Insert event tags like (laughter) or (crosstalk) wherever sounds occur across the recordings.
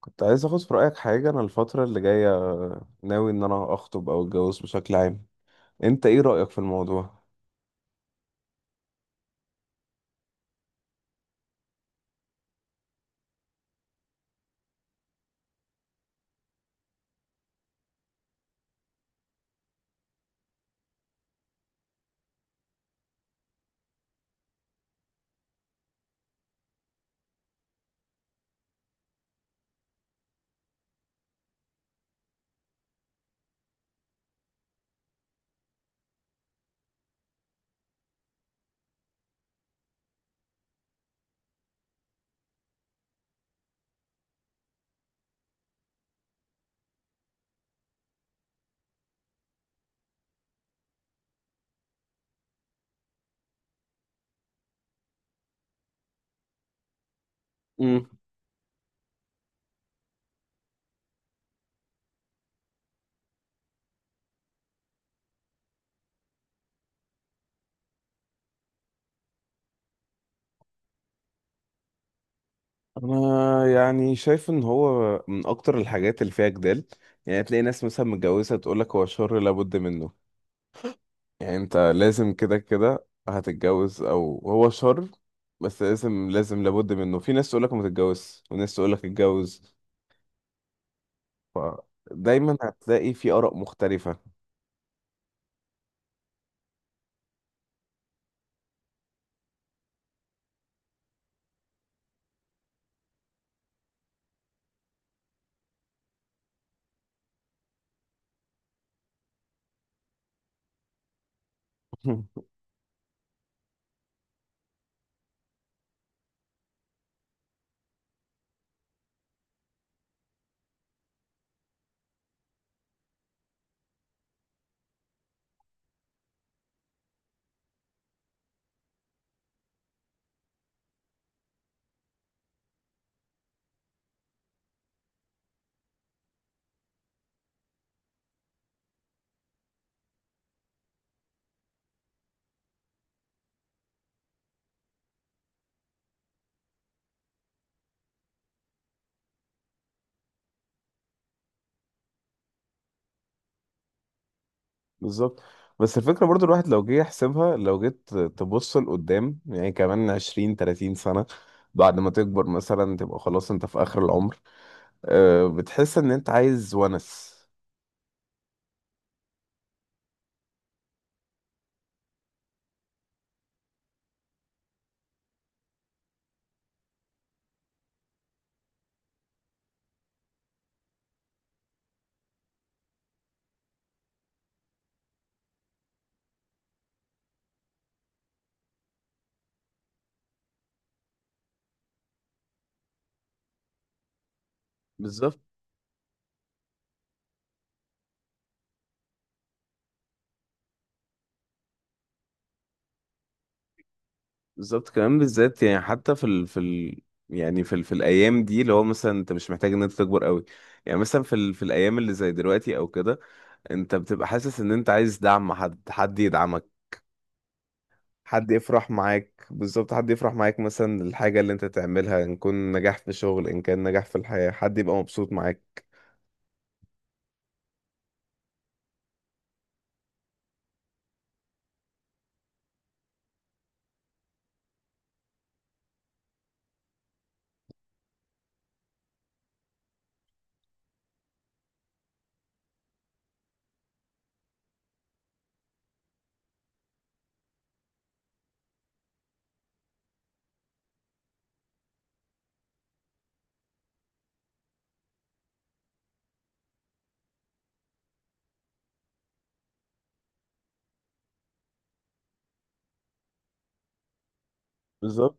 كنت عايز اخد في رأيك حاجة، انا الفترة اللي جاية ناوي ان انا اخطب او اتجوز بشكل عام. انت ايه رأيك في الموضوع؟ امم. انا يعني شايف ان هو من اكتر الحاجات اللي فيها جدال. يعني تلاقي ناس مثلا متجوزة تقولك هو شر لابد منه، يعني انت لازم كده كده هتتجوز او هو شر، بس لازم لابد منه. في ناس تقولك ما تتجوزش وناس تقولك اتجوز، فدايما هتلاقي في آراء مختلفة. (laughs) بالظبط. بس الفكرة برضو الواحد لو جه يحسبها، لو جيت تبص لقدام، يعني كمان 20-30 سنة بعد ما تكبر مثلا، تبقى خلاص انت في آخر العمر. أه، بتحس ان انت عايز ونس. بالظبط. بالظبط، كمان بالذات يعني حتى في ال في ال يعني في الأيام دي، اللي هو مثلا انت مش محتاج ان انت تكبر قوي. يعني مثلا في الأيام اللي زي دلوقتي او كده، انت بتبقى حاسس ان انت عايز دعم، حد يدعمك، حد يفرح معاك. بالظبط، حد يفرح معاك، مثلا الحاجة اللي انت تعملها ان كان نجاح في شغل ان كان نجاح في الحياة، حد يبقى مبسوط معاك. بالظبط.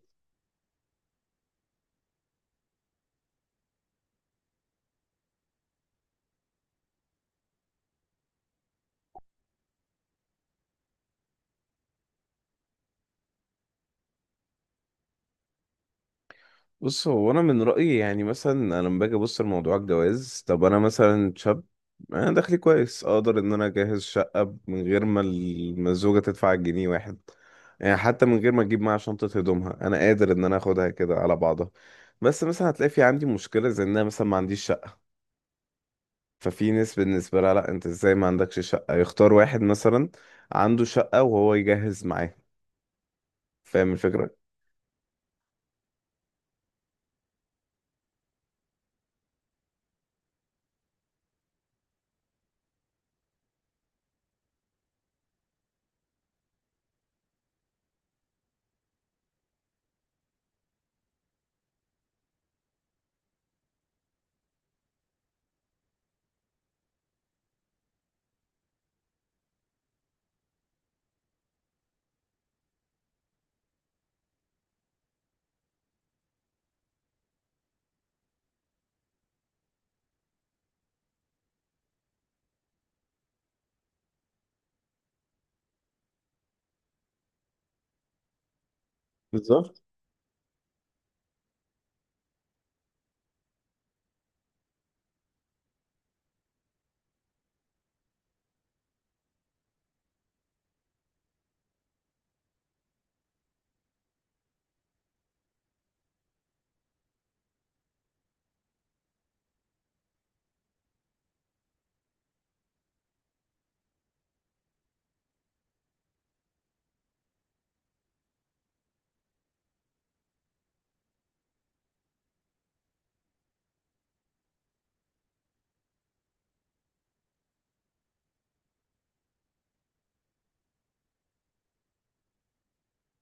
بص، هو انا من رأيي يعني مثلا، انا لما باجي ابص لموضوع الجواز، طب انا مثلا شاب، انا دخلي كويس، اقدر ان انا اجهز شقة من غير ما الزوجة تدفع جنيه واحد. يعني حتى من غير ما اجيب معاها شنطة هدومها، انا قادر ان انا اخدها كده على بعضها. بس مثلا هتلاقي في عندي مشكلة، زي ان انا مثلا ما عنديش شقة. ففي ناس بالنسبة لها، لأ أنت إزاي ما عندكش شقة، يختار واحد مثلا عنده شقة وهو يجهز معاه. فاهم الفكرة؟ بالظبط.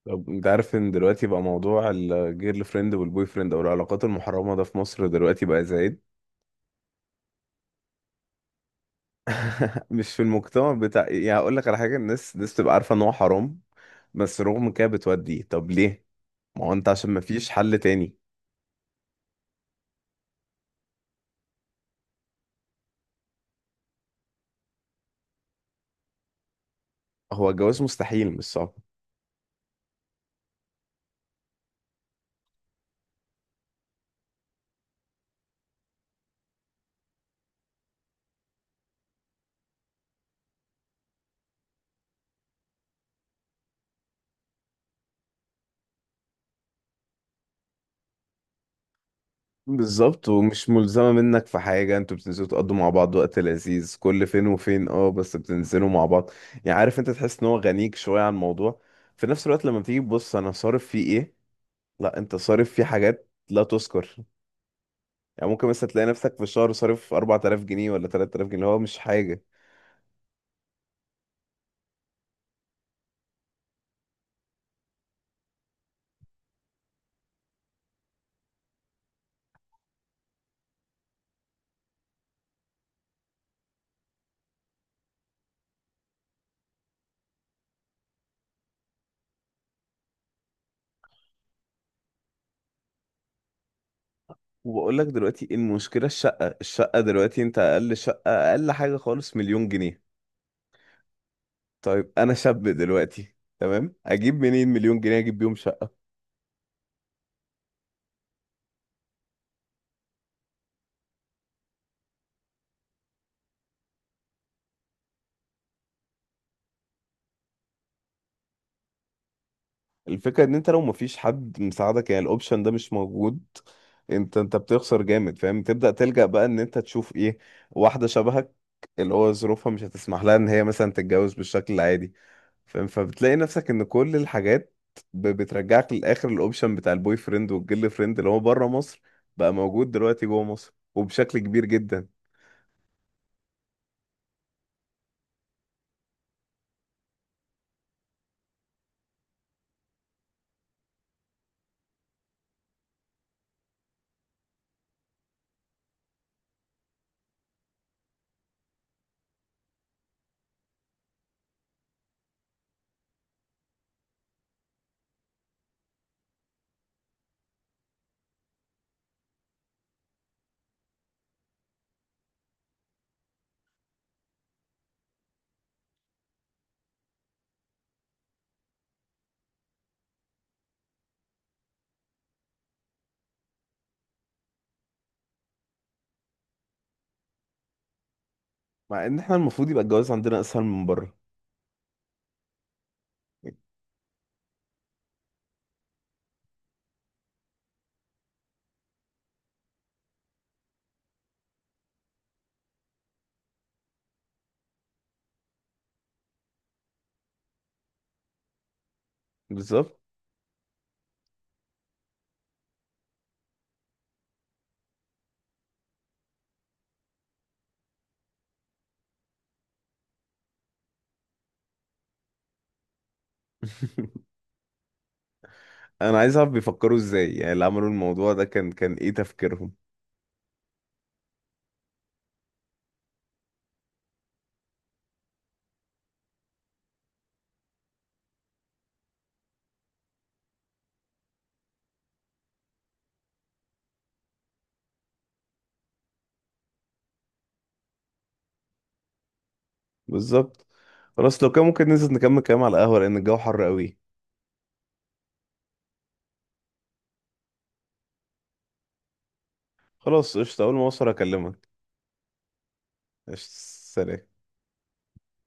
طب انت عارف ان دلوقتي بقى موضوع الجيرل فريند والبوي فريند او العلاقات المحرمه ده في مصر دلوقتي بقى زايد. (laughs) مش في المجتمع بتاع، يعني هقول لك على حاجه، الناس بتبقى عارفه ان هو حرام، بس رغم كده بتودي. طب ليه؟ ما هو انت عشان ما فيش حل تاني. هو الجواز مستحيل، مش صعب. بالظبط، ومش ملزمة منك في حاجة، انتوا بتنزلوا تقضوا مع بعض وقت لذيذ كل فين وفين، اه بس بتنزلوا مع بعض. يعني عارف، انت تحس ان هو غنيك شوية عن الموضوع. في نفس الوقت لما تيجي تبص انا صارف فيه ايه؟ لا، انت صارف فيه حاجات لا تذكر. يعني ممكن مثلا تلاقي نفسك في الشهر صارف 4000 جنيه ولا 3000 جنيه، اللي هو مش حاجة. وبقول لك، دلوقتي المشكلة الشقة، دلوقتي انت اقل شقة، اقل حاجة خالص، 1 مليون جنيه. طيب انا شاب دلوقتي، تمام، اجيب منين 1 مليون جنيه اجيب بيهم شقة؟ الفكرة ان انت لو مفيش حد مساعدك، يعني الاوبشن ده مش موجود. انت بتخسر جامد، فاهم، تبدأ تلجأ بقى ان انت تشوف ايه، واحدة شبهك، اللي هو ظروفها مش هتسمح لها ان هي مثلا تتجوز بالشكل العادي. فاهم؟ فبتلاقي نفسك ان كل الحاجات بترجعك للاخر. الاوبشن بتاع البوي فريند والجيرل فريند اللي هو بره مصر، بقى موجود دلوقتي جوه مصر وبشكل كبير جدا. مع ان احنا المفروض يبقى الجواز عندنا اسهل من بره. بالظبط. (laughs) انا عايز اعرف بيفكروا ازاي، يعني اللي عملوا الموضوع ده كان ايه تفكيرهم. بالظبط. خلاص، لو كان ممكن ننزل نكمل كلام على القهوة لان الجو حر قوي. خلاص، قشطة، اول ما اوصل اكلمك. قشطة. سلام.